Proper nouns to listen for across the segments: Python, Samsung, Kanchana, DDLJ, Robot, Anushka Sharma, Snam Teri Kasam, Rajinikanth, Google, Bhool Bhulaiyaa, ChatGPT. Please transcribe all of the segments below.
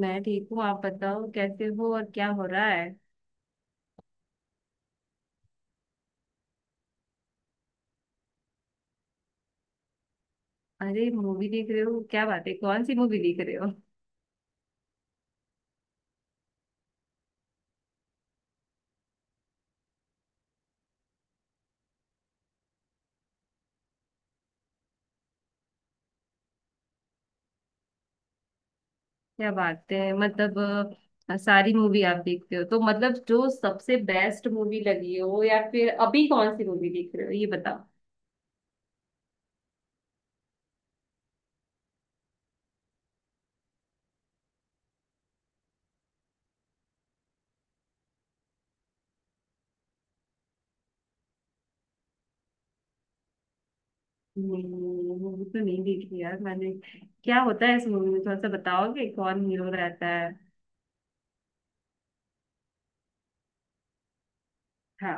मैं ठीक हूँ। आप बताओ कैसे हो और क्या हो रहा है। अरे मूवी देख रहे हो, क्या बात है, कौन सी मूवी देख रहे हो? क्या बात है। मतलब सारी मूवी आप देखते हो, तो मतलब जो सबसे बेस्ट मूवी लगी हो या फिर अभी कौन सी मूवी देख रहे हो ये बताओ। मूवी तो नहीं देखी यार मैंने। क्या होता है इस मूवी में, थोड़ा सा बताओगे? कौन हीरो रहता है? हाँ।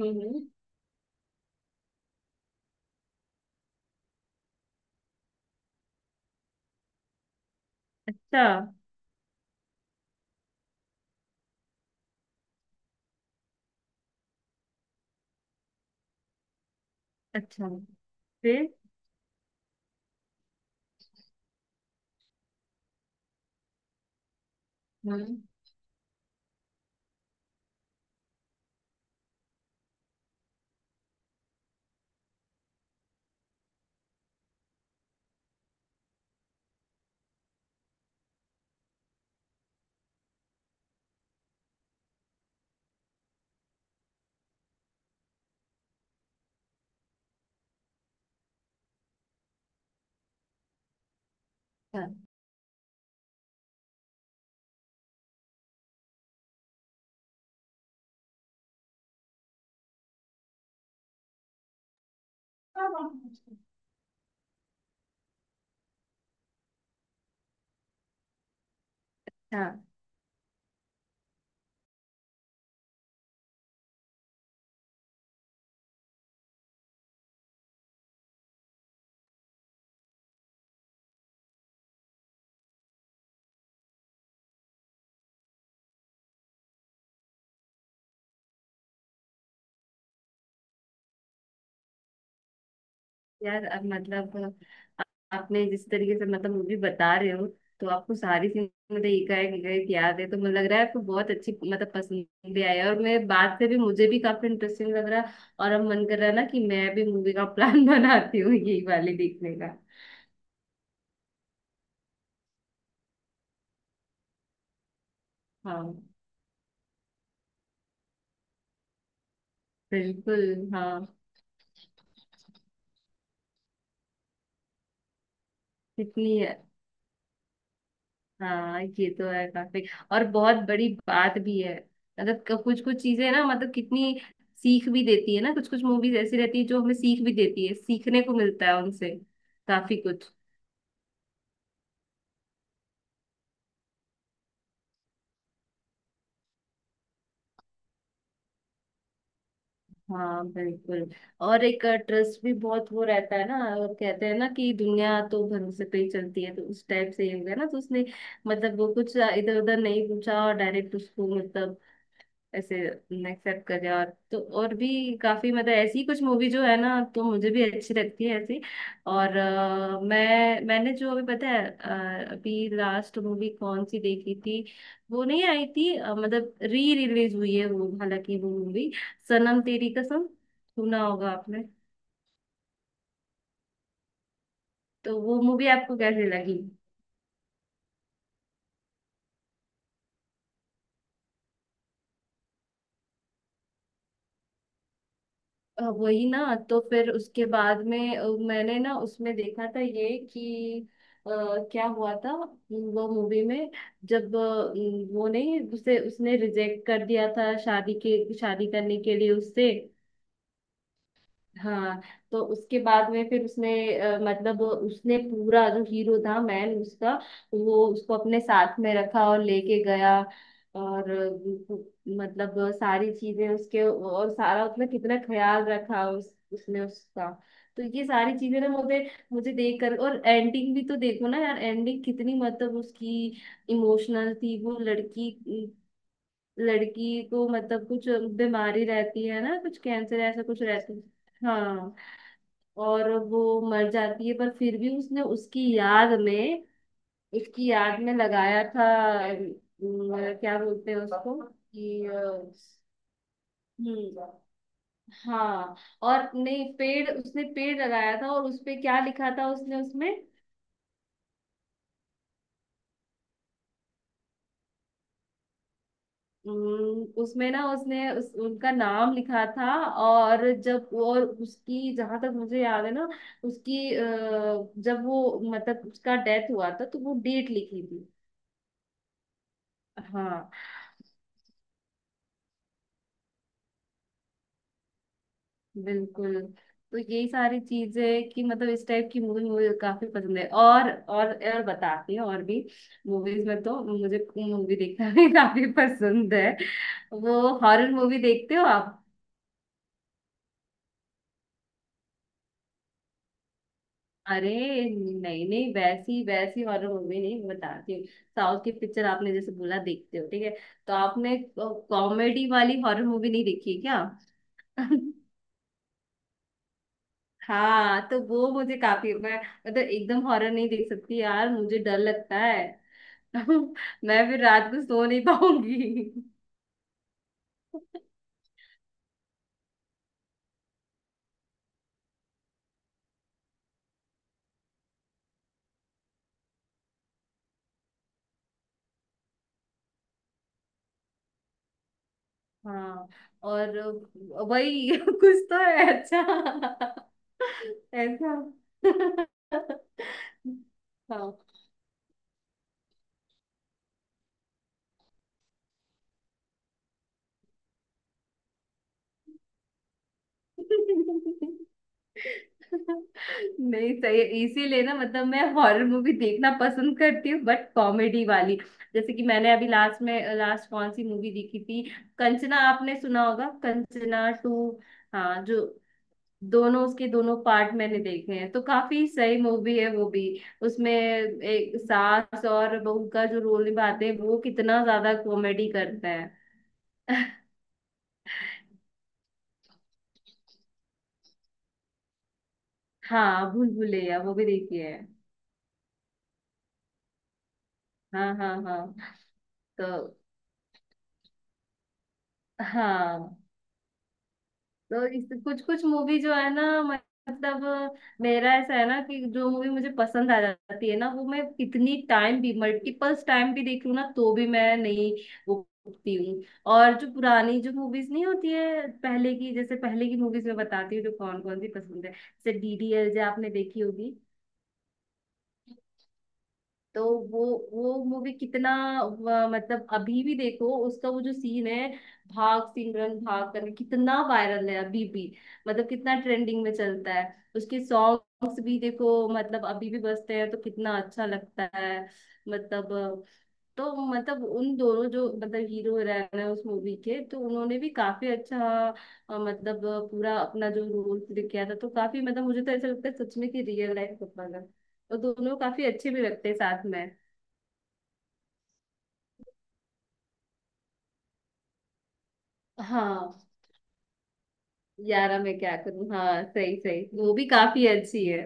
हम्म। अच्छा। अच्छा। फिर। हम्म। हाँ। हाँ, यार अब मतलब, आ- आपने जिस तरीके से मतलब मूवी बता रहे हो, तो आपको सारी सीन मतलब एक एक एक याद है, तो मुझे लग रहा है आपको बहुत अच्छी मतलब पसंद भी आई है। और मैं बात से भी मुझे भी काफी इंटरेस्टिंग लग रहा है। और अब मन कर रहा है ना कि मैं भी मूवी का प्लान बनाती हूँ, यही वाली देखने का। हाँ बिल्कुल। हाँ कितनी। हाँ ये तो है काफी। और बहुत बड़ी बात भी है। मतलब कुछ कुछ चीजें ना, मतलब कितनी सीख भी देती है ना। कुछ कुछ मूवीज ऐसी रहती है जो हमें सीख भी देती है, सीखने को मिलता है उनसे काफी कुछ। हाँ बिल्कुल। और एक ट्रस्ट भी बहुत वो रहता है ना। और कहते हैं ना कि दुनिया तो भरोसे पे ही चलती है, तो उस टाइप से ये हो गया ना, तो उसने मतलब वो कुछ इधर उधर नहीं पूछा और डायरेक्ट उसको मतलब ऐसे एक्सेप्ट कर जाए। और तो और भी काफी मतलब ऐसी कुछ मूवी जो है ना, तो मुझे भी अच्छी लगती है ऐसी। और मैंने जो अभी पता है, अभी लास्ट मूवी कौन सी देखी थी, वो नहीं आई थी। मतलब री रिलीज हुई है वो, हालांकि वो मूवी सनम तेरी कसम, सुना होगा आपने? तो वो मूवी आपको कैसे लगी? वही ना। तो फिर उसके बाद में, मैंने ना उसमें देखा था ये कि अ, क्या हुआ था वो मूवी में, जब वो नहीं उसे उसने रिजेक्ट कर दिया था शादी के, शादी करने के लिए उससे। हाँ। तो उसके बाद में फिर उसने मतलब उसने पूरा, जो हीरो था मैन उसका, वो उसको अपने साथ में रखा और लेके गया। और मतलब सारी चीजें उसके, और सारा उसने कितना ख्याल रखा उस, उसने उसका। तो ये सारी चीजें ना, मुझे मुझे देख कर और एंडिंग भी तो देखो ना यार, एंडिंग कितनी मतलब उसकी इमोशनल थी। वो लड़की, लड़की को मतलब कुछ बीमारी रहती है ना, कुछ कैंसर ऐसा कुछ रहती। हाँ। और वो मर जाती है पर फिर भी उसने उसकी याद में, उसकी याद में लगाया था। अम, क्या बोलते हैं उसको कि हम्म। हाँ। और नहीं, पेड़ उसने पेड़ लगाया था और उसपे क्या लिखा था उसने उसमें। उसमें ना उसने उनका नाम लिखा था। और जब, और उसकी जहां तक मुझे याद है ना, उसकी जब वो मतलब उसका डेथ हुआ था तो वो डेट लिखी थी। हाँ बिल्कुल। तो यही सारी चीजें कि मतलब इस टाइप की मूवी मुझे काफी पसंद है। और बताती हूँ और भी मूवीज में, तो मुझे मूवी देखना भी काफी पसंद है। वो हॉरर मूवी देखते हो आप? अरे नहीं नहीं, वैसी वैसी हॉरर मूवी नहीं, मैं बताती हूँ। साउथ की पिक्चर आपने, जैसे बोला, देखते हो, ठीक है? तो आपने कॉमेडी वाली हॉरर मूवी नहीं देखी है क्या? हाँ, तो वो मुझे काफी, मैं मतलब एकदम हॉरर नहीं देख सकती यार, मुझे डर लगता है। मैं फिर रात को सो नहीं पाऊंगी। हाँ। और वही कुछ तो है, अच्छा, ऐसा। हाँ। नहीं सही है। इसीलिए ना, मतलब मैं हॉरर मूवी देखना पसंद करती हूँ, बट कॉमेडी वाली। जैसे कि मैंने अभी लास्ट में, लास्ट कौन सी मूवी देखी थी, कंचना, आपने सुना होगा, कंचना टू। हाँ, जो दोनों, उसके दोनों पार्ट मैंने देखे हैं, तो काफी सही मूवी है वो भी। उसमें एक सास और बहू का जो रोल निभाते हैं, वो कितना ज्यादा कॉमेडी करता है। हाँ भूल भुलैया वो भी देखी है। हाँ हाँ हाँ। तो हाँ, तो इस कुछ कुछ मूवी जो है ना, मतलब मेरा ऐसा है ना कि जो मूवी मुझे पसंद आ जाती है ना, वो मैं कितनी टाइम भी, मल्टीपल्स टाइम भी देख लूँ ना, तो भी मैं नहीं, वो, उठती हूँ। और जो पुरानी जो मूवीज नहीं होती है, पहले की, जैसे पहले की मूवीज में बताती हूँ जो कौन कौन सी पसंद है, जैसे डीडीएलजे, आपने देखी होगी। तो वो वो मूवी कितना, मतलब अभी भी देखो उसका वो जो सीन है, भाग सिमरन भाग करके, कितना वायरल है अभी भी, मतलब कितना ट्रेंडिंग में चलता है। उसके सॉन्ग्स भी देखो, मतलब अभी भी बजते हैं, तो कितना अच्छा लगता है। मतलब, तो मतलब उन दोनों जो मतलब हीरो हीरोइन है उस मूवी के, तो उन्होंने भी काफी अच्छा मतलब पूरा अपना जो रोल प्ले किया था, तो काफी मतलब मुझे तो ऐसा लगता है सच में कि रियल लाइफ कपल है। और दोनों काफी अच्छे भी लगते हैं साथ में। हाँ यारा मैं क्या करूँ, हाँ सही सही, वो भी काफी अच्छी है।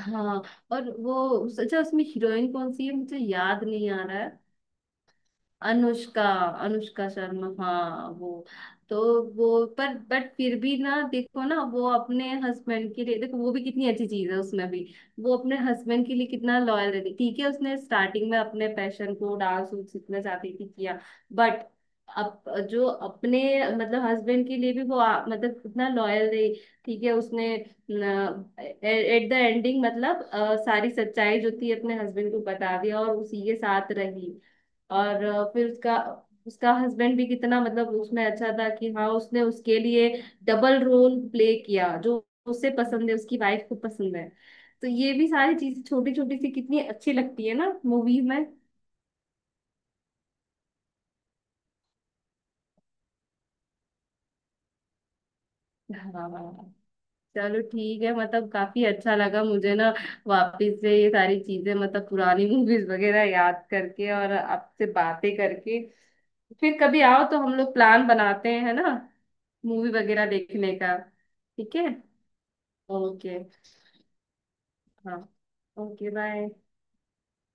हाँ। और वो अच्छा, उसमें हीरोइन कौन सी है मुझे याद नहीं आ रहा है। अनुष्का, अनुष्का शर्मा, हाँ वो। तो वो पर बट फिर भी ना, देखो ना, वो अपने हस्बैंड के लिए, देखो वो भी कितनी अच्छी चीज है उसमें भी। वो अपने हस्बैंड के लिए कितना लॉयल रहती, ठीक है, उसने स्टार्टिंग में अपने पैशन को डांस उन्स सीखना चाहती थी, किया। बट अब जो अपने मतलब हस्बैंड के लिए भी वो मतलब कितना लॉयल रही, ठीक है उसने। एट द एंडिंग मतलब सारी सच्चाई जो थी अपने हस्बैंड को बता दिया और उसी के साथ रही। और फिर उसका, उसका हस्बैंड भी कितना मतलब उसमें अच्छा था कि हाँ उसने उसके लिए डबल रोल प्ले किया, जो उसे पसंद है, उसकी वाइफ को पसंद है। तो ये भी सारी चीजें, छोटी छोटी सी कितनी अच्छी लगती है ना मूवी में। हाँ। चलो ठीक है, मतलब काफी अच्छा लगा मुझे ना, वापस से ये सारी चीजें मतलब पुरानी मूवीज वगैरह याद करके और आपसे बातें करके। फिर कभी आओ तो हम लोग प्लान बनाते हैं, है ना, मूवी वगैरह देखने का। ठीक है। ओके। हाँ। Okay bye.